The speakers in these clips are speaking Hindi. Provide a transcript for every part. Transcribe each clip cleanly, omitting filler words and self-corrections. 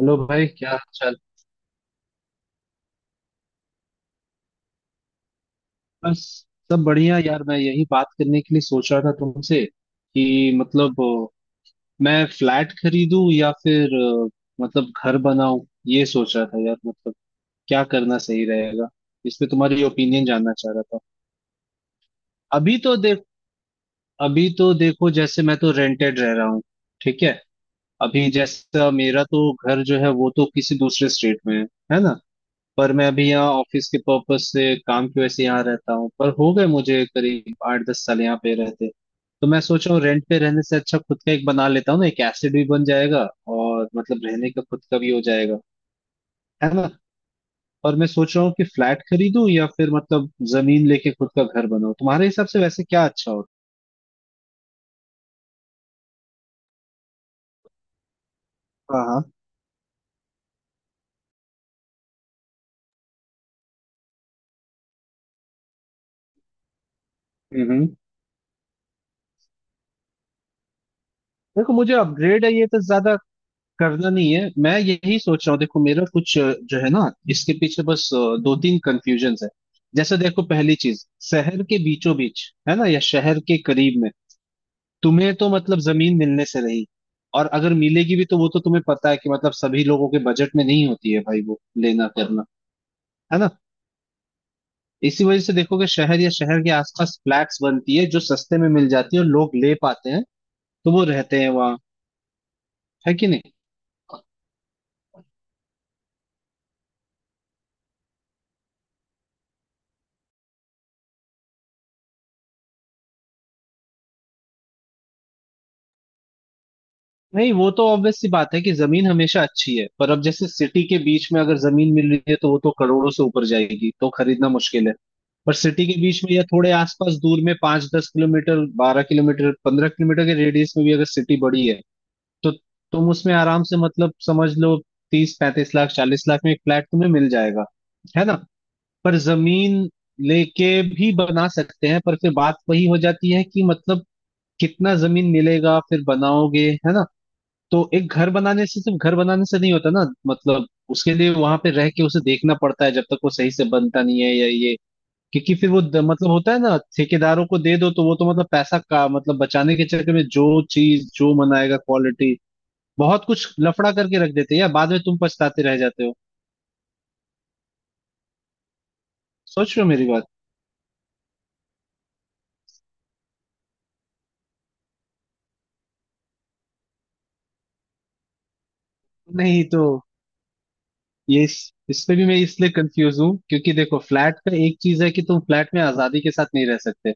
हेलो भाई, क्या हाल चाल। बस सब बढ़िया यार, मैं यही बात करने के लिए सोच रहा था तुमसे कि मतलब मैं फ्लैट खरीदूं या फिर मतलब घर बनाऊं। ये सोच रहा था यार, मतलब क्या करना सही रहेगा। इस पे तुम्हारी ओपिनियन जानना चाह रहा था। अभी तो देख अभी तो देखो, जैसे मैं तो रेंटेड रह रहा हूँ। ठीक है। अभी जैसा मेरा तो घर जो है वो तो किसी दूसरे स्टेट में है ना। पर मैं अभी यहाँ ऑफिस के पर्पस से काम की वजह से यहाँ रहता हूँ, पर हो गए मुझे करीब 8-10 साल यहाँ पे रहते। तो मैं सोच रहा हूँ रेंट पे रहने से अच्छा खुद का एक बना लेता हूँ ना, एक एसेट भी बन जाएगा और मतलब रहने का खुद का भी हो जाएगा। है ना। और मैं सोच रहा हूँ कि फ्लैट खरीदूं या फिर मतलब जमीन लेके खुद का घर बनाऊं, तुम्हारे हिसाब से वैसे क्या अच्छा होता। हाँ हाँ। हम्म हम्म। देखो, मुझे अपग्रेड है ये तो ज्यादा करना नहीं है, मैं यही सोच रहा हूँ। देखो मेरा कुछ जो है ना इसके पीछे बस 2-3 कंफ्यूजन है। जैसे देखो पहली चीज, शहर के बीचों बीच है ना या शहर के करीब में। तुम्हें तो मतलब जमीन मिलने से रही, और अगर मिलेगी भी तो वो तो तुम्हें पता है कि मतलब सभी लोगों के बजट में नहीं होती है भाई वो लेना करना। है ना। इसी वजह से देखोगे शहर या शहर के आसपास फ्लैट्स बनती है जो सस्ते में मिल जाती है और लोग ले पाते हैं, तो वो रहते हैं वहाँ। है कि नहीं। नहीं, वो तो ऑब्वियस सी बात है कि जमीन हमेशा अच्छी है, पर अब जैसे सिटी के बीच में अगर जमीन मिल रही है तो वो तो करोड़ों से ऊपर जाएगी, तो खरीदना मुश्किल है। पर सिटी के बीच में या थोड़े आसपास दूर में 5-10 किलोमीटर, 12 किलोमीटर, 15 किलोमीटर के रेडियस में भी अगर सिटी बड़ी है, तो तुम उसमें आराम से मतलब समझ लो 30-35 लाख, 40 लाख में एक फ्लैट तुम्हें मिल जाएगा। है ना। पर जमीन लेके भी बना सकते हैं, पर फिर बात वही हो जाती है कि मतलब कितना जमीन मिलेगा फिर बनाओगे, है ना। तो एक घर बनाने से, सिर्फ घर बनाने से नहीं होता ना, मतलब उसके लिए वहां पे रह के उसे देखना पड़ता है जब तक वो सही से बनता नहीं है, या ये क्योंकि फिर मतलब होता है ना, ठेकेदारों को दे दो तो वो तो मतलब पैसा का, मतलब बचाने के चक्कर में जो चीज जो मनाएगा, क्वालिटी बहुत कुछ लफड़ा करके रख देते हैं यार, बाद में तुम पछताते रह जाते हो। सोच रहे हो मेरी बात। नहीं तो इस पे भी मैं इसलिए कंफ्यूज हूँ, क्योंकि देखो फ्लैट का एक चीज है कि तुम फ्लैट में आजादी के साथ नहीं रह सकते।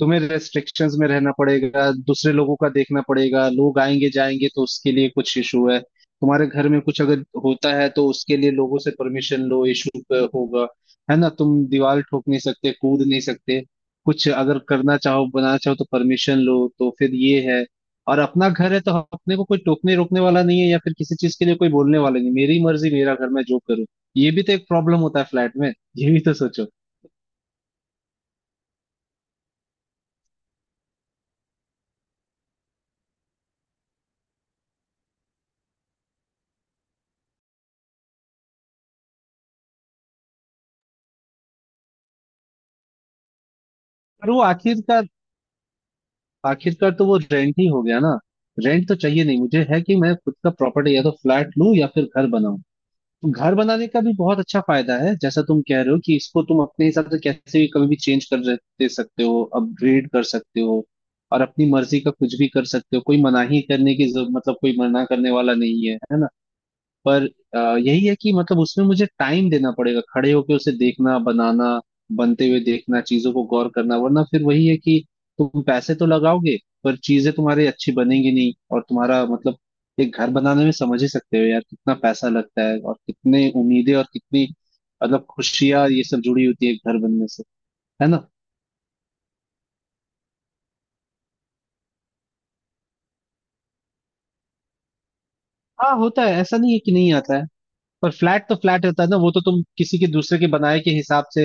तुम्हें रेस्ट्रिक्शंस में रहना पड़ेगा, दूसरे लोगों का देखना पड़ेगा, लोग आएंगे जाएंगे तो उसके लिए कुछ इशू है। तुम्हारे घर में कुछ अगर होता है तो उसके लिए लोगों से परमिशन लो, इशू होगा। है ना। तुम दीवार ठोक नहीं सकते, कूद नहीं सकते, कुछ अगर करना चाहो बनाना चाहो तो परमिशन लो, तो फिर ये है। और अपना घर है तो अपने को कोई टोकने रोकने वाला नहीं है, या फिर किसी चीज के लिए कोई बोलने वाला नहीं, मेरी मर्जी मेरा घर मैं जो करूँ। ये भी तो एक प्रॉब्लम होता है फ्लैट में। ये भी तो सोचो। पर वो आखिरकार, आखिरकार तो वो रेंट ही हो गया ना। रेंट तो चाहिए नहीं मुझे, है कि मैं खुद का प्रॉपर्टी या तो फ्लैट लूं या फिर घर बनाऊं। तो घर बनाने का भी बहुत अच्छा फायदा है, जैसा तुम कह रहे हो कि इसको तुम अपने हिसाब से कैसे भी कभी भी चेंज कर दे सकते हो, अपग्रेड कर सकते हो, और अपनी मर्जी का कुछ भी कर सकते हो, कोई मनाही करने की जरूरत, मतलब कोई मना करने वाला नहीं है, है ना। पर यही है कि मतलब उसमें मुझे टाइम देना पड़ेगा खड़े होके उसे देखना बनाना, बनते हुए देखना, चीजों को गौर करना, वरना फिर वही है कि तुम पैसे तो लगाओगे पर चीजें तुम्हारी अच्छी बनेंगी नहीं, और तुम्हारा मतलब एक घर बनाने में समझ ही सकते हो यार कितना पैसा लगता है, और कितने उम्मीदें और कितनी मतलब खुशियां ये सब जुड़ी होती है एक घर बनने से। है ना। हाँ होता है, ऐसा नहीं है कि नहीं आता है, पर फ्लैट तो फ्लैट होता है ना, वो तो तुम किसी के दूसरे के बनाए के हिसाब से,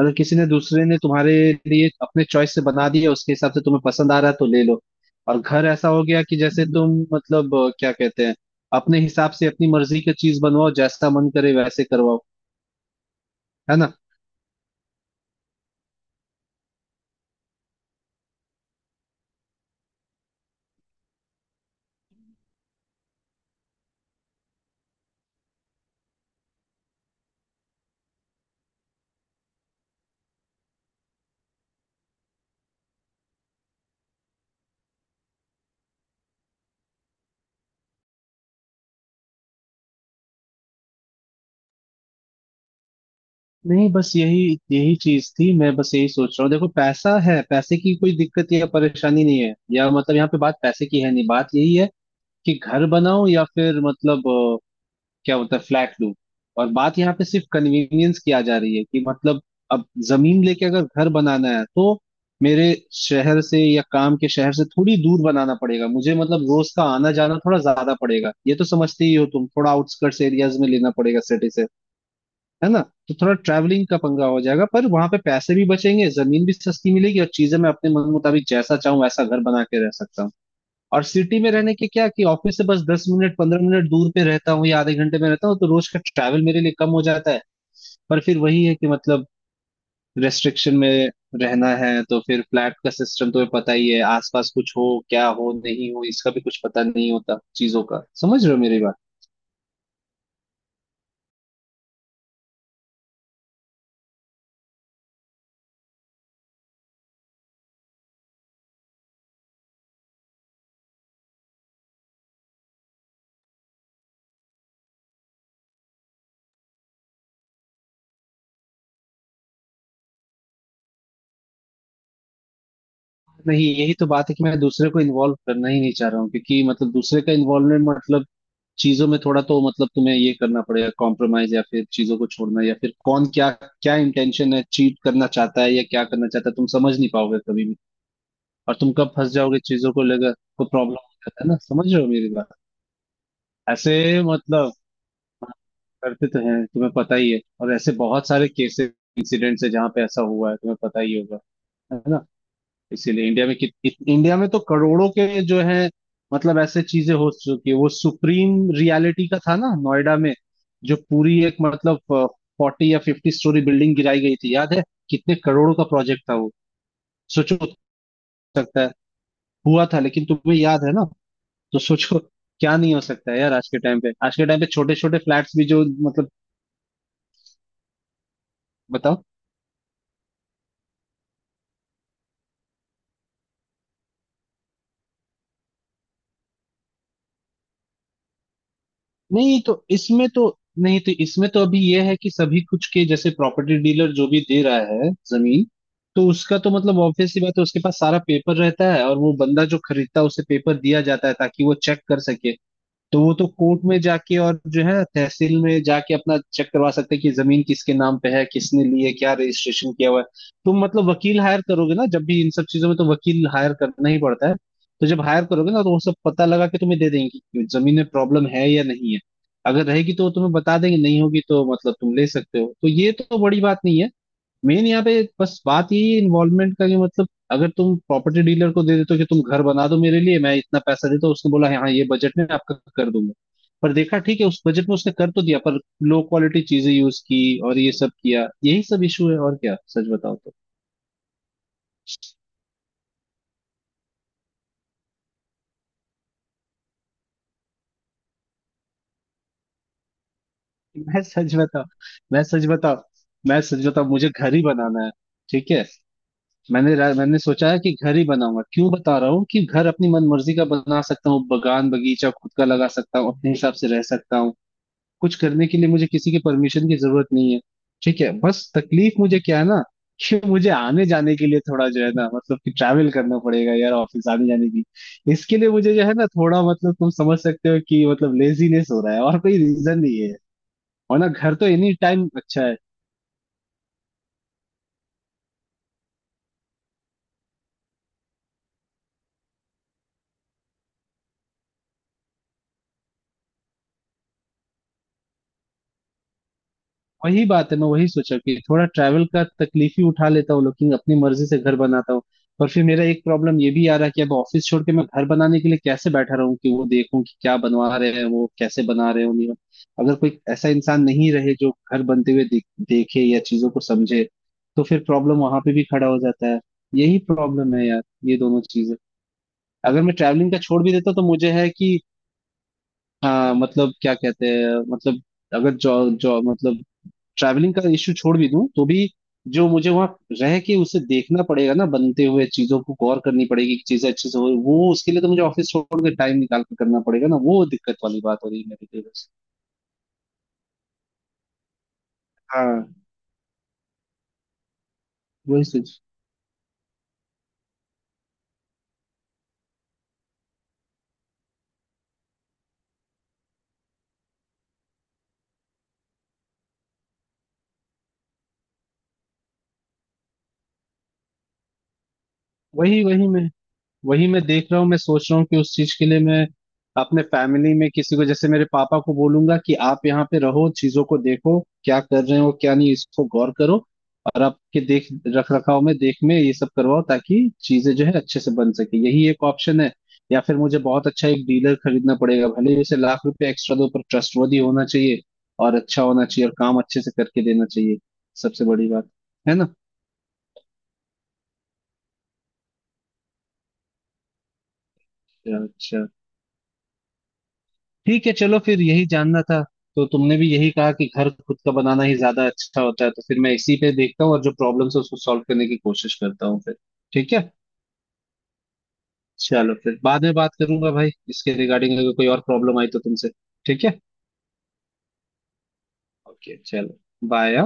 मतलब किसी ने दूसरे ने तुम्हारे लिए अपने चॉइस से बना दिया, उसके हिसाब से तुम्हें पसंद आ रहा है तो ले लो। और घर ऐसा हो गया कि जैसे तुम मतलब क्या कहते हैं, अपने हिसाब से अपनी मर्जी की चीज बनवाओ, जैसा मन करे वैसे करवाओ। है ना। नहीं, बस यही यही चीज थी, मैं बस यही सोच रहा हूँ, देखो पैसा है, पैसे की कोई दिक्कत या परेशानी नहीं है, या मतलब यहाँ पे बात पैसे की है नहीं, बात यही है कि घर बनाओ या फिर मतलब क्या होता है फ्लैट लूप। और बात यहाँ पे सिर्फ कन्वीनियंस की आ जा रही है कि मतलब अब जमीन लेके अगर घर बनाना है तो मेरे शहर से या काम के शहर से थोड़ी दूर बनाना पड़ेगा मुझे, मतलब रोज का आना जाना थोड़ा ज्यादा पड़ेगा, ये तो समझते ही हो तुम, थोड़ा आउटस्कर्ट्स एरियाज में लेना पड़ेगा सिटी से। है ना। तो थोड़ा ट्रैवलिंग का पंगा हो जाएगा, पर वहां पे पैसे भी बचेंगे, जमीन भी सस्ती मिलेगी, और चीजें मैं अपने मन मुताबिक जैसा चाहूँ वैसा घर बना के रह सकता हूँ। और सिटी में रहने के क्या कि ऑफिस से बस 10 मिनट, 15 मिनट दूर पे रहता हूँ या आधे घंटे में रहता हूँ, तो रोज का ट्रैवल मेरे लिए कम हो जाता है। पर फिर वही है कि मतलब रेस्ट्रिक्शन में रहना है, तो फिर फ्लैट का सिस्टम तुम्हें पता ही है, आसपास कुछ हो, क्या हो नहीं हो इसका भी कुछ पता नहीं होता चीजों का, समझ रहे हो मेरी बात। नहीं, यही तो बात है कि मैं दूसरे को इन्वॉल्व करना ही नहीं चाह रहा हूँ, क्योंकि मतलब दूसरे का इन्वॉल्वमेंट, मतलब चीजों में थोड़ा तो मतलब तुम्हें ये करना पड़ेगा कॉम्प्रोमाइज, या फिर चीजों को छोड़ना, या फिर कौन क्या क्या इंटेंशन है, चीट करना चाहता है या क्या करना चाहता है तुम समझ नहीं पाओगे कभी भी। और तुम कब फंस जाओगे चीजों को लेकर तो प्रॉब्लम हो जाता है ना, समझ रहे हो मेरी बात। ऐसे मतलब, हाँ, करते तो हैं, तुम्हें पता ही है, और ऐसे बहुत सारे केसेस इंसिडेंट्स है जहाँ पे ऐसा हुआ है, तुम्हें पता ही होगा। है ना। इसीलिए इंडिया में इंडिया में तो करोड़ों के जो है, मतलब ऐसे चीजें हो चुकी है, वो सुप्रीम रियलिटी का था ना नोएडा में, जो पूरी एक मतलब 40 या 50 स्टोरी बिल्डिंग गिराई गई थी, याद है। कितने करोड़ों का प्रोजेक्ट था वो। सोचो, हो सकता है, हुआ था लेकिन तुम्हें याद है ना। तो सोचो क्या नहीं हो सकता है यार, आज के टाइम पे, आज के टाइम पे छोटे छोटे फ्लैट्स भी जो मतलब। नहीं तो इसमें तो, अभी यह है कि सभी कुछ के, जैसे प्रॉपर्टी डीलर जो भी दे रहा है जमीन, तो उसका तो मतलब ऑब्वियसली बात है, उसके पास सारा पेपर रहता है और वो बंदा जो खरीदता है उसे पेपर दिया जाता है ताकि वो चेक कर सके। तो वो तो कोर्ट में जाके और जो है तहसील में जाके अपना चेक करवा सकते हैं कि जमीन किसके नाम पे है, किसने ली है, क्या रजिस्ट्रेशन किया हुआ है। तुम मतलब वकील हायर करोगे ना, जब भी इन सब चीजों में तो वकील हायर करना ही पड़ता है। तो जब हायर करोगे ना तो वो सब पता लगा के तुम्हें दे देंगे कि जमीन में प्रॉब्लम है या नहीं है, अगर रहेगी तो वो तुम्हें बता देंगे, नहीं होगी तो मतलब तुम ले सकते हो, तो ये तो बड़ी बात नहीं है। मेन यहाँ पे बस बात यही है इन्वॉल्वमेंट का, कि मतलब अगर तुम प्रॉपर्टी डीलर को दे देते हो कि तुम घर बना दो मेरे लिए, मैं इतना पैसा देता हूँ, उसने बोला हाँ ये बजट में आपका कर दूंगा। पर देखा, ठीक है उस बजट में उसने कर तो दिया, पर लो क्वालिटी चीजें यूज की और ये सब किया, यही सब इशू है और क्या, सच बताओ तो। मैं सच बताओ, मैं सच बताओ मैं सच बताओ मुझे घर ही बनाना है। ठीक है। मैंने सोचा है कि घर ही बनाऊंगा, क्यों बता रहा हूँ कि घर अपनी मन मर्जी का बना सकता हूँ, बगान बगीचा खुद का लगा सकता हूँ, अपने हिसाब से रह सकता हूँ, कुछ करने के लिए मुझे किसी की परमिशन की जरूरत नहीं है। ठीक है। बस तकलीफ मुझे क्या है ना, कि मुझे आने जाने के लिए थोड़ा जो है ना मतलब कि ट्रैवल करना पड़ेगा यार ऑफिस आने जाने की। इसके लिए मुझे जो है ना, थोड़ा मतलब तुम समझ सकते हो कि मतलब लेजीनेस हो रहा है और कोई रीजन नहीं है, और ना, घर तो एनी टाइम अच्छा है। वही बात है, मैं वही सोचा कि थोड़ा ट्रैवल का तकलीफ ही उठा लेता हूँ लेकिन अपनी मर्जी से घर बनाता हूँ। पर फिर मेरा एक प्रॉब्लम ये भी आ रहा है कि अब ऑफिस छोड़ के मैं घर बनाने के लिए कैसे बैठा रहूं कि वो देखूं कि क्या बनवा रहे हैं, वो कैसे बना रहे हैं उन्हें, अगर कोई ऐसा इंसान नहीं रहे जो घर बनते हुए देखे या चीजों को समझे, तो फिर प्रॉब्लम वहां पे भी खड़ा हो जाता है। यही प्रॉब्लम है यार, ये दोनों चीजें। अगर मैं ट्रैवलिंग का छोड़ भी देता तो मुझे है कि, हाँ मतलब क्या कहते हैं मतलब, अगर जॉब जॉब मतलब ट्रैवलिंग का इश्यू छोड़ भी दूं तो भी जो मुझे वहां रह के उसे देखना पड़ेगा ना, बनते हुए चीजों को गौर करनी पड़ेगी कि चीजें अच्छे से हो, वो उसके लिए तो मुझे ऑफिस छोड़ के टाइम निकाल के करना पड़ेगा ना, वो दिक्कत वाली बात हो रही है मेरे लिए बस। हाँ, वही सोच वही वही मैं देख रहा हूँ, मैं सोच रहा हूँ कि उस चीज के लिए मैं अपने फैमिली में किसी को, जैसे मेरे पापा को बोलूंगा कि आप यहाँ पे रहो, चीजों को देखो क्या कर रहे हो क्या नहीं, इसको गौर करो, और आपके देख रख रखाव में, देख में ये सब करवाओ ताकि चीजें जो है अच्छे से बन सके, यही एक ऑप्शन है। या फिर मुझे बहुत अच्छा एक डीलर खरीदना पड़ेगा, भले ही उसे लाख रुपए एक्स्ट्रा दो, पर ट्रस्टवर्दी होना चाहिए, और अच्छा होना चाहिए, और काम अच्छे से करके देना चाहिए, सबसे बड़ी बात। है ना। अच्छा, ठीक है चलो फिर, यही जानना था। तो तुमने भी यही कहा कि घर खुद का बनाना ही ज्यादा अच्छा होता है, तो फिर मैं इसी पे देखता हूँ और जो प्रॉब्लम्स है उसको सॉल्व करने की कोशिश करता हूँ फिर। ठीक है। चलो फिर बाद में बात करूंगा भाई इसके रिगार्डिंग अगर कोई और प्रॉब्लम आई तो तुमसे। ठीक है, ओके, चलो बाय।